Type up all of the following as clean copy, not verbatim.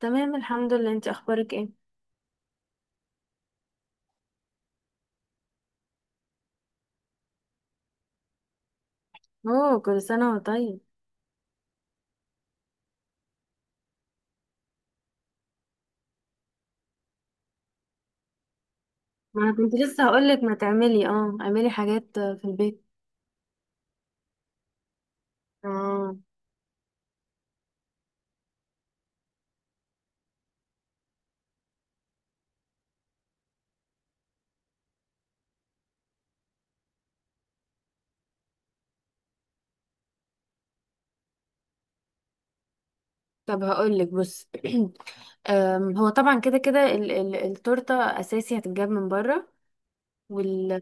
تمام الحمد لله، انت اخبارك ايه؟ اوه، كل سنه وانت طيب. ما انا كنت لسه هقولك، ما تعملي اه اعملي حاجات في البيت. اه، طب هقولك بص. هو طبعا كده كده التورته اساسي هتتجاب من بره. وال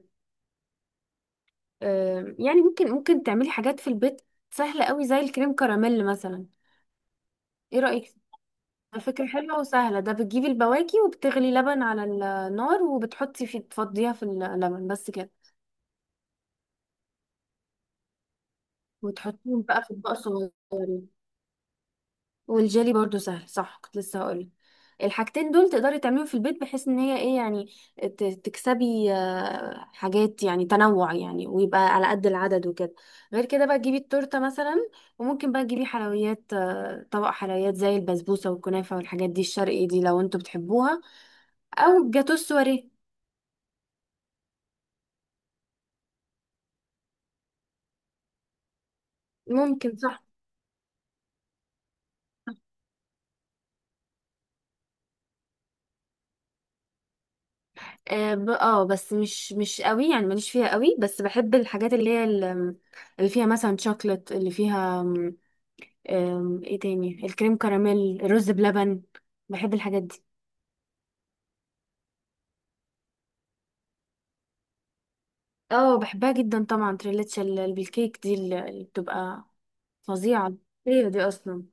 يعني ممكن تعملي حاجات في البيت سهله قوي، زي الكريم كراميل مثلا. ايه رايك؟ ده فكره حلوه وسهله. ده بتجيبي البواكي وبتغلي لبن على النار وبتحطي فيه، تفضيها في اللبن بس كده. وتحطيهم بقى في اطباق صغيره. والجيلي برضو سهل، صح؟ كنت لسه هقولك الحاجتين دول تقدري تعمليهم في البيت، بحيث ان هي ايه يعني تكسبي حاجات، يعني تنوع يعني، ويبقى على قد العدد وكده. غير كده بقى تجيبي التورته مثلا، وممكن بقى تجيبي حلويات، طبق حلويات زي البسبوسه والكنافه والحاجات دي الشرقي دي لو انتوا بتحبوها. او جاتو السواريه. ممكن، صح. اه، بس مش قوي يعني، ماليش فيها قوي، بس بحب الحاجات اللي هي اللي فيها مثلا شوكلت، اللي فيها ايه تاني، الكريم كراميل، الرز بلبن. بحب الحاجات دي. اه بحبها جدا طبعا. تريليتشا بالكيك دي اللي بتبقى فظيعة. ايه دي اصلا؟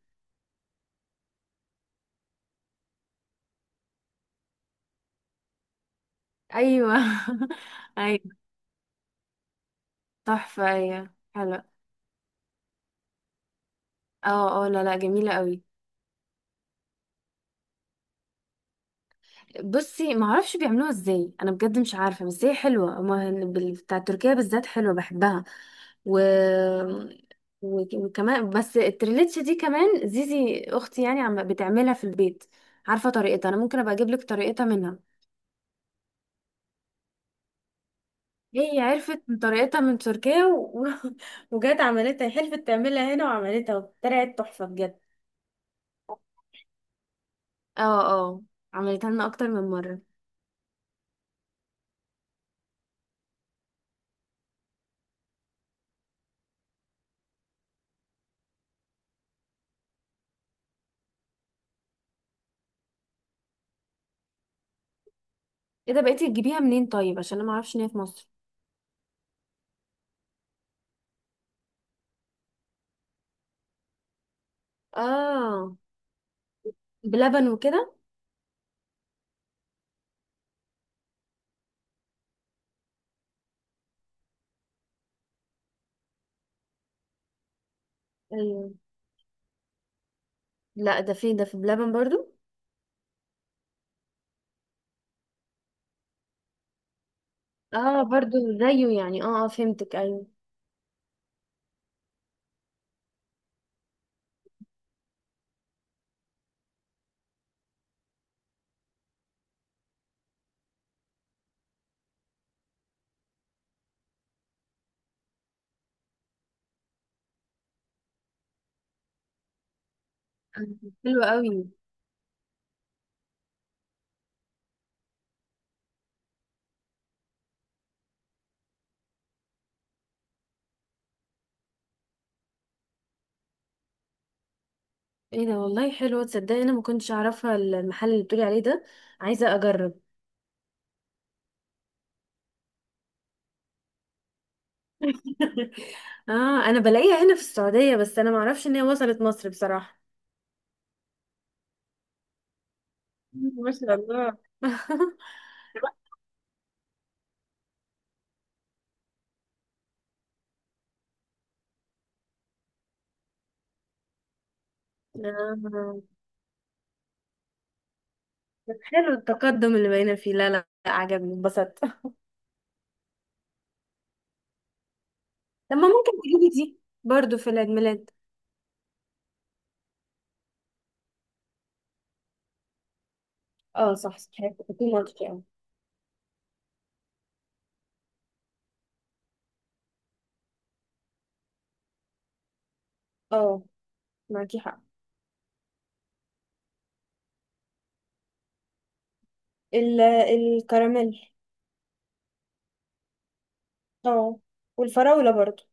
ايوه. ايوه. تحفة، ايوه حلو. اه اه. لا لا، جميلة قوي. بصي، ما اعرفش بيعملوها ازاي، انا بجد مش عارفه، بس هي حلوه. أما بتاع تركيا بالذات حلوه، بحبها. و... وكمان بس التريليتش دي كمان زيزي اختي يعني عم بتعملها في البيت. عارفه طريقتها، انا ممكن ابقى اجيب لك طريقتها منها. هي عرفت من طريقتها من تركيا وجت عملتها، حلفت تعملها هنا وعملتها وطلعت تحفه بجد. اه. اه. عملتها لنا اكتر من مره. ايه ده؟ بقيتي تجيبيها منين طيب عشان انا ما اعرفش ان هي في مصر. اه، بلبن وكده. ايوه. لا، ده في ده في بلبن برضو. اه برضو، زيه يعني. اه اه، فهمتك، ايوه. حلوة قوي. ايه ده والله، حلوة. تصدقي انا ما كنتش اعرفها المحل اللي بتقولي عليه ده، عايزة اجرب. اه، انا بلاقيها هنا في السعودية، بس انا ما اعرفش ان هي وصلت مصر بصراحة. ما شاء الله. آه، بس حلو التقدم اللي بقينا فيه، لا لا لا، عجبني، انبسطت. طب ما ممكن تجيبي دي برضو في العيد ميلاد. اه صح صح، كنت مالتي اه. اه، معاكي حق. الكراميل. اه، والفراولة برضو.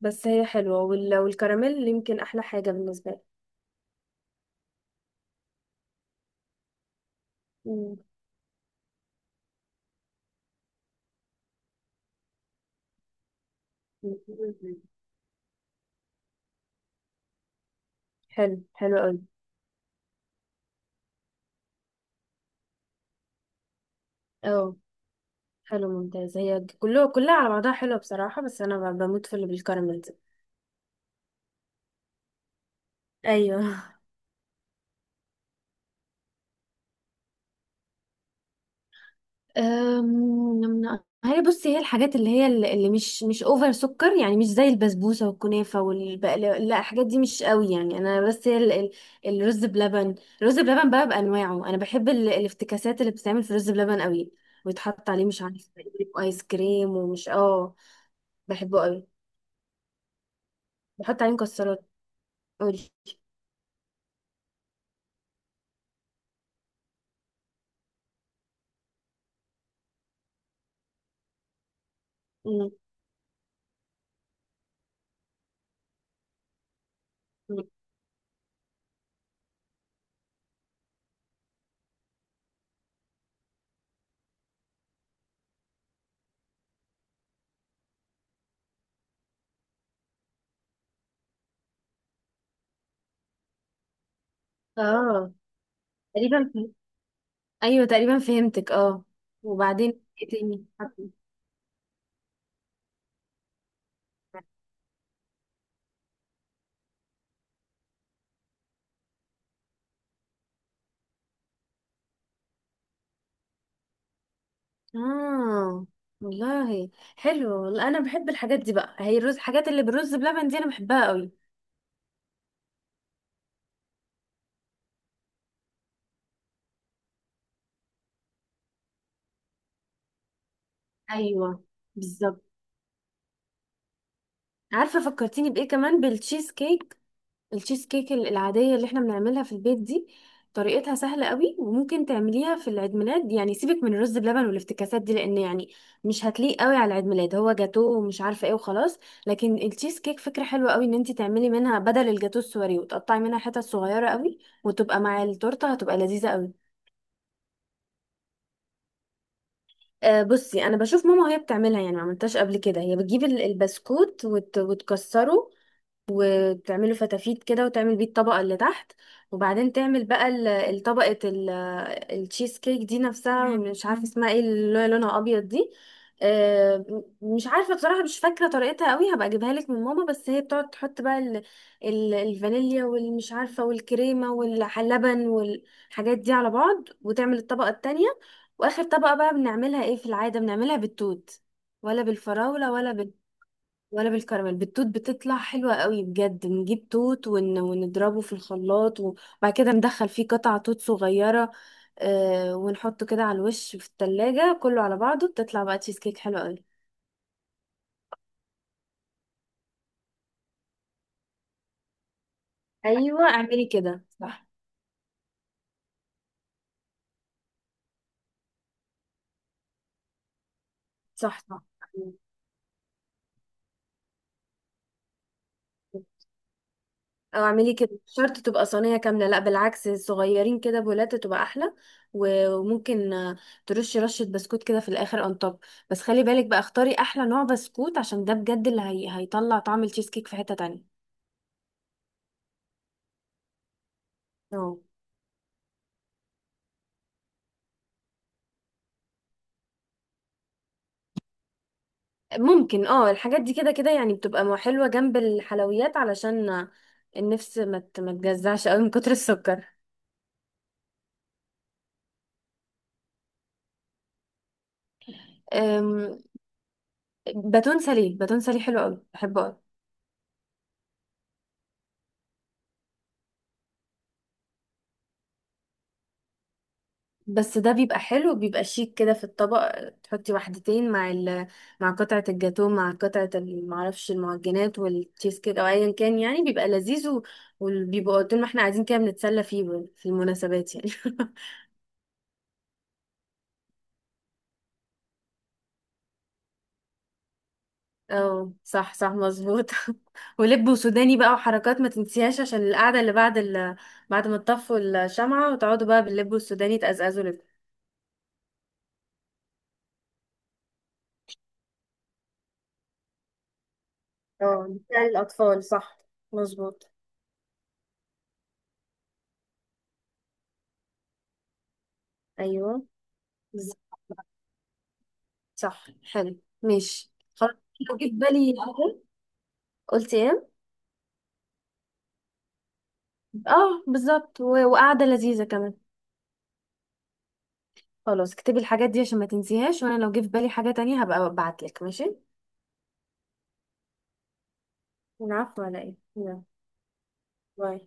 بس هي حلوة، والكراميل يمكن أحلى حاجة بالنسبة لي. مم. حلو، حلو قوي. اه، حلو ممتاز. هي كلها كلها على بعضها حلوة بصراحة، بس أنا بموت في اللي بالكراميل دي. أيوه. أم، هي بصي، هي الحاجات اللي هي اللي مش اوفر سكر يعني، مش زي البسبوسه والكنافه والبقلاوه، لا الحاجات دي مش قوي يعني انا. بس هي الرز بلبن، الرز بلبن بقى بانواعه. انا بحب الافتكاسات اللي بتتعمل في الرز بلبن قوي، ويتحط عليه مش عارف ايس كريم ومش اه. بحبه قوي، بحط عليه مكسرات. قولي. مم. مم. اه، تقريبا فهمت. ايوه تقريبا فهمتك، اه. وبعدين ايه تاني؟ اه، والله حلو. لا، انا بحب الحاجات دي بقى، هي الرز، الحاجات اللي بالرز بلبن دي انا بحبها قوي. ايوه، بالظبط. عارفه فكرتيني بايه كمان؟ بالتشيز كيك. التشيز كيك العاديه اللي احنا بنعملها في البيت دي طريقتها سهله قوي، وممكن تعمليها في العيد ميلاد يعني. سيبك من الرز بلبن والافتكاسات دي، لان يعني مش هتليق قوي على العيد ميلاد، هو جاتوه ومش عارفه ايه وخلاص. لكن التشيز كيك فكره حلوه قوي ان انت تعملي منها بدل الجاتوه السوري، وتقطعي منها حتت صغيره قوي، وتبقى مع التورته، هتبقى لذيذه قوي. أه بصي، انا بشوف ماما وهي بتعملها يعني، ما عملتهاش قبل كده. هي بتجيب البسكوت وتكسره وتعمله فتافيت كده، وتعمل بيه الطبقة اللي تحت. وبعدين تعمل بقى الطبقة التشيز كيك دي نفسها. مش عارفة اسمها ايه، اللي هي لونها أبيض دي. مش عارفة بصراحة، مش فاكرة طريقتها قوي، هبقى اجيبها لك من ماما. بس هي بتقعد تحط بقى الفانيليا والمش عارفة والكريمة واللبن والحاجات دي على بعض، وتعمل الطبقة التانية. واخر طبقة بقى بنعملها ايه في العادة؟ بنعملها بالتوت، ولا بالفراولة، ولا ولا بالكراميل. بالتوت بتطلع حلوة قوي بجد، نجيب توت ونضربه في الخلاط، وبعد كده ندخل فيه قطع توت صغيرة. آه، ونحطه كده على الوش في التلاجة كله على بعضه، بتطلع بقى تشيز كيك حلوة قوي. ايوه اعملي كده، صح صح صح. او اعملي كده، مش شرط تبقى صينية كاملة، لا بالعكس، صغيرين كده بولات تبقى احلى. و- وممكن ترشي رشة بسكوت كده في الاخر اون توب. بس خلي بالك بقى، اختاري احلى نوع بسكوت عشان ده بجد اللي هيطلع طعم التشيز كيك في حتة تانية. اه ممكن، اه. الحاجات دي كده كده يعني بتبقى حلوة جنب الحلويات، علشان النفس ما ما تجزعش قوي من كتر السكر. أم، باتون ساليه، باتون ساليه حلو قوي، بحبه قوي. بس ده بيبقى حلو، بيبقى شيك كده في الطبق، تحطي واحدتين مع ال، مع قطعة الجاتو، مع قطعة معرفش المعجنات والتشيز كيك او ايا كان يعني، بيبقى لذيذ و- وبيبقى طول ما احنا قاعدين كده بنتسلى فيه في المناسبات يعني. اه صح صح، مظبوط. ولب وسوداني بقى وحركات ما تنسيهاش، عشان القعدة اللي بعد بعد ما تطفوا الشمعة وتقعدوا بقى باللب والسوداني، تقزقزوا لب. اه، بتاع الأطفال صح، مظبوط. أيوه. بز- صح، حلو. ماشي، خلاص. لو جه في بالي حاجة، قلت ايه؟ اه بالظبط، وقعدة لذيذة كمان. خلاص، اكتبي الحاجات دي عشان ما تنسيهاش، وانا لو جه في بالي حاجة تانية هبقى ابعتلك، ماشي. العفو، على ايه، يلا. باي.